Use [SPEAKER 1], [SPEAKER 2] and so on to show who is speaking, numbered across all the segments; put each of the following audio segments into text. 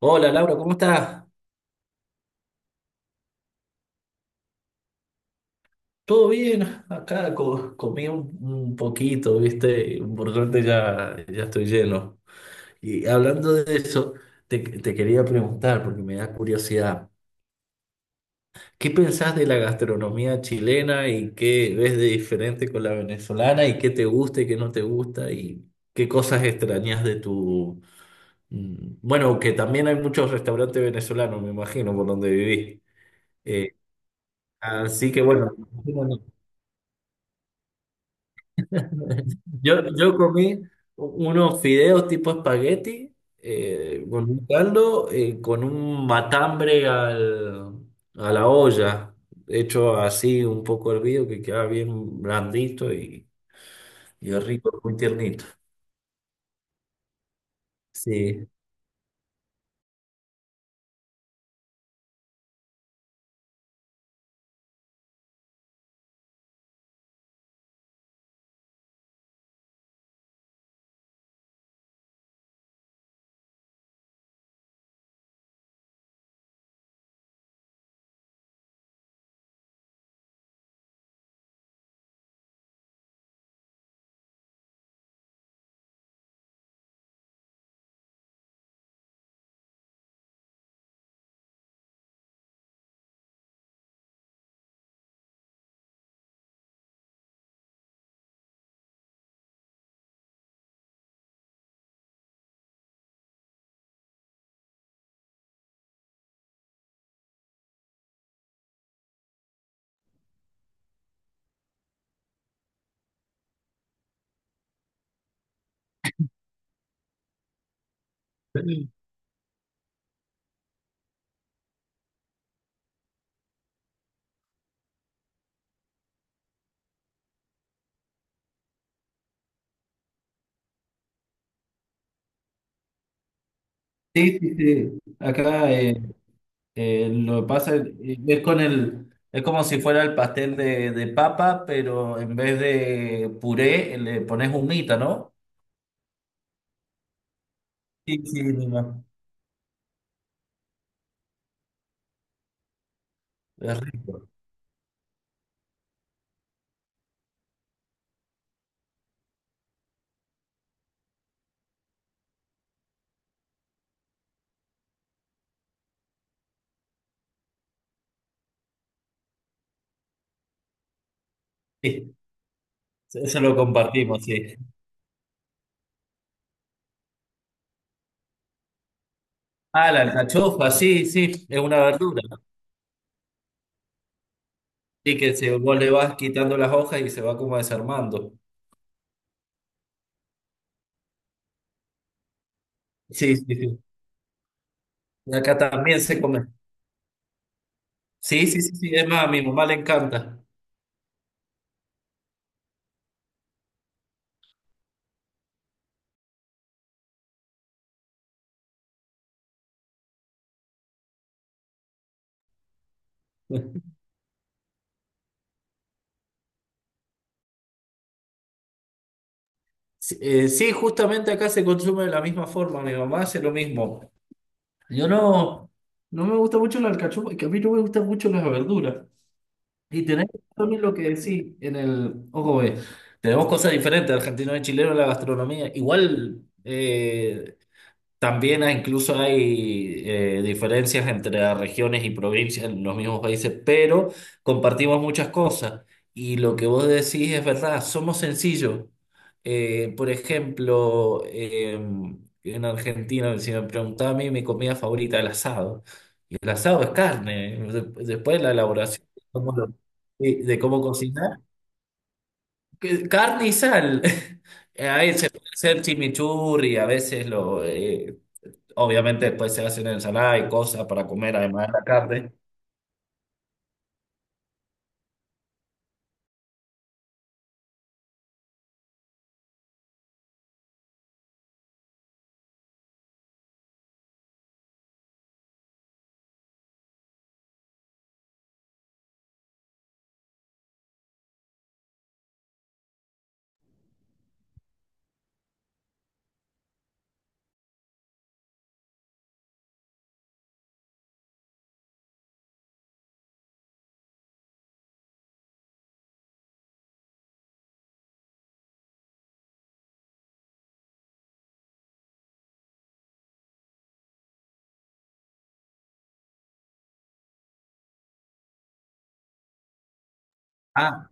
[SPEAKER 1] Hola, Laura, ¿cómo estás? ¿Todo bien? Acá comí un poquito, ¿viste? Y por suerte ya estoy lleno. Y hablando de eso, te quería preguntar, porque me da curiosidad, ¿qué pensás de la gastronomía chilena y qué ves de diferente con la venezolana y qué te gusta y qué no te gusta y qué cosas extrañas de tu... Bueno, que también hay muchos restaurantes venezolanos, me imagino, por donde viví. Eh, Así que bueno, yo comí unos fideos tipo espagueti con un caldo, con un matambre a la olla, hecho así un poco hervido, que queda bien blandito, y es rico, muy tiernito. Sí. Sí, sí, sí. Acá lo que pasa es con el, es como si fuera el pastel de papa, pero en vez de puré le pones humita, ¿no? Sí, sí, mi mamá. Es rico. Sí, eso lo compartimos, sí. Ah, la alcachofa, sí, sí, es una verdura. Sí, que se, vos le vas quitando las hojas y se va como desarmando. Sí, sí, sí. Y acá también se come. Sí, sí, sí, sí. Es más, a mi mamá le encanta. Sí, sí, justamente acá se consume de la misma forma. Mi mamá hace lo mismo. Yo no, no me gusta mucho la alcachofa, que a mí no me gustan mucho las verduras. Y tenés también lo que decís en el. Ojo, tenemos cosas diferentes, argentino y chileno en la gastronomía. Igual también incluso hay diferencias entre las regiones y provincias en los mismos países, pero compartimos muchas cosas. Y lo que vos decís es verdad, somos sencillos. Por ejemplo, en Argentina, si me preguntaba a mí mi comida favorita, es el asado. Y el asado es carne. Después la elaboración de cómo, de cómo cocinar, carne y sal. A veces puede ser chimichurri, a veces lo... obviamente después se hacen ensalada y cosas para comer, además de la carne. Ah,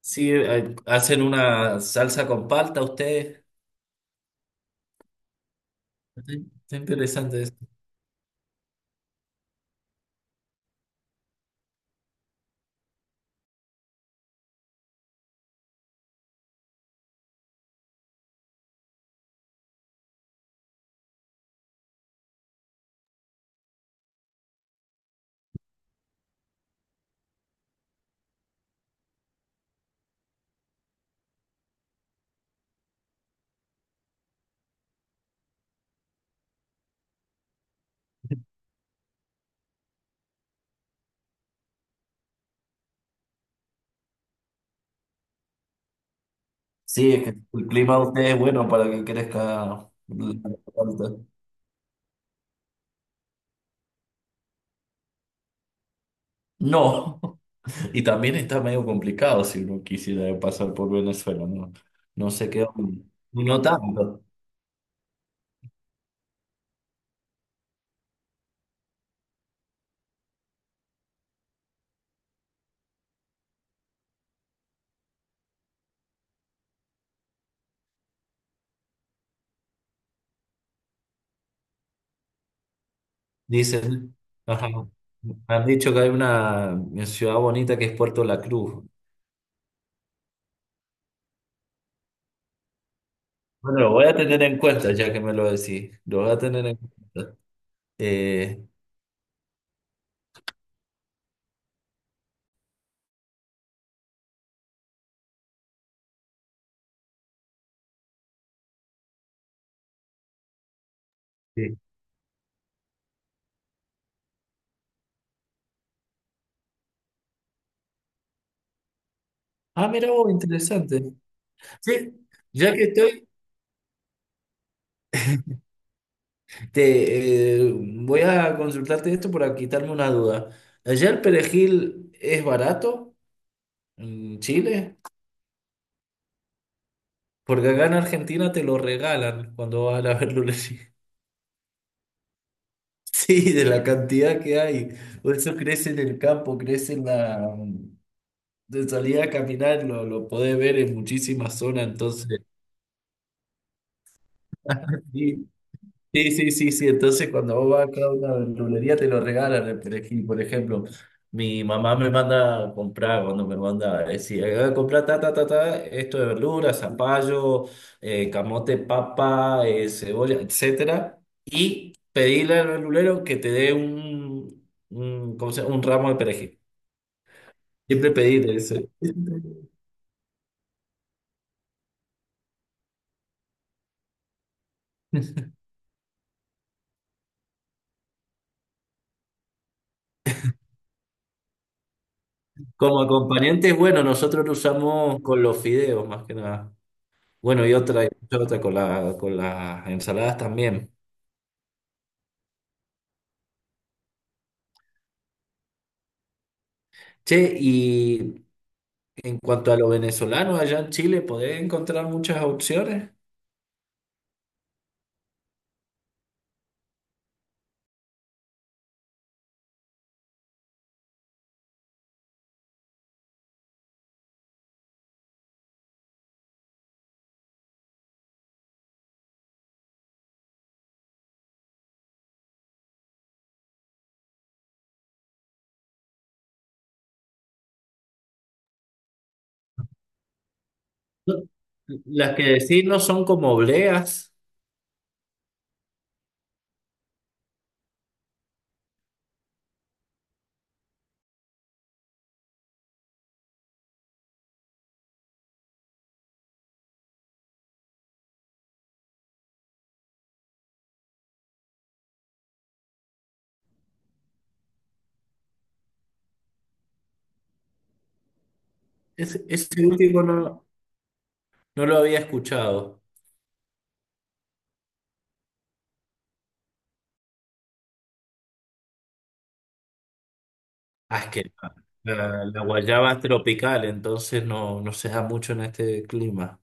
[SPEAKER 1] sí, hacen una salsa con palta ustedes. Está interesante eso. Sí, es que el clima de ustedes es bueno para que crezca la palta. No, y también está medio complicado si uno quisiera pasar por Venezuela, ¿no? No sé qué, onda. No tanto, dicen. Ajá. Han dicho que hay una ciudad bonita que es Puerto La Cruz. Bueno, lo voy a tener en cuenta ya que me lo decís. Lo voy a tener en cuenta. Eh, sí. Ah, mira vos, interesante. Sí, ya que estoy, voy a consultarte esto para quitarme una duda. ¿Allá el perejil es barato en Chile? Porque acá en Argentina te lo regalan cuando vas a la verdulería. Sí, de la cantidad que hay. Por eso crece en el campo, crece en la... De salida a caminar, lo podés ver en muchísimas zonas, entonces... Sí. Sí, sí, sí, sí. Entonces, cuando vos vas acá a una verdulería, te lo regalan el perejil. Por ejemplo, mi mamá me manda a comprar, cuando me manda, es decir: "Ah, comprar ta, ta, ta, ta, esto de verduras, zapallo, camote, papa, cebolla, etcétera". Y pedirle al verdulero que te dé un, ¿cómo se llama?, un ramo de perejil. Siempre pedirle eso. Como acompañante, bueno, nosotros lo usamos con los fideos, más que nada. Bueno, y otra con la, con las ensaladas también. Che, y en cuanto a lo venezolano, allá en Chile, ¿podés encontrar muchas opciones? No, las que decís no son como obleas. Ese último no, no lo había escuchado. Ah, es que la, la guayaba es tropical, entonces no, no se da mucho en este clima.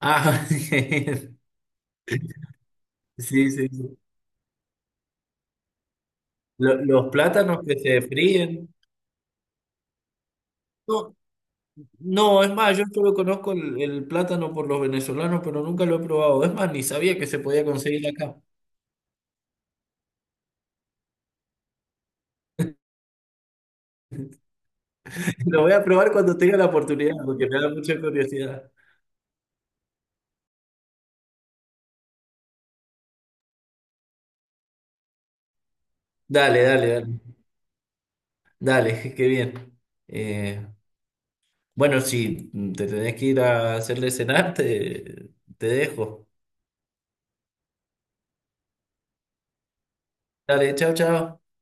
[SPEAKER 1] Ah, sí, sí, sí. Los plátanos que se fríen. No, es más, yo solo conozco el plátano por los venezolanos, pero nunca lo he probado. Es más, ni sabía que se podía conseguir acá. Lo voy a probar cuando tenga la oportunidad, porque me da mucha curiosidad. Dale, dale, dale. Dale, qué bien. Eh, bueno, si te tenés que ir a hacerle cenar, te dejo. Dale, chao, chao.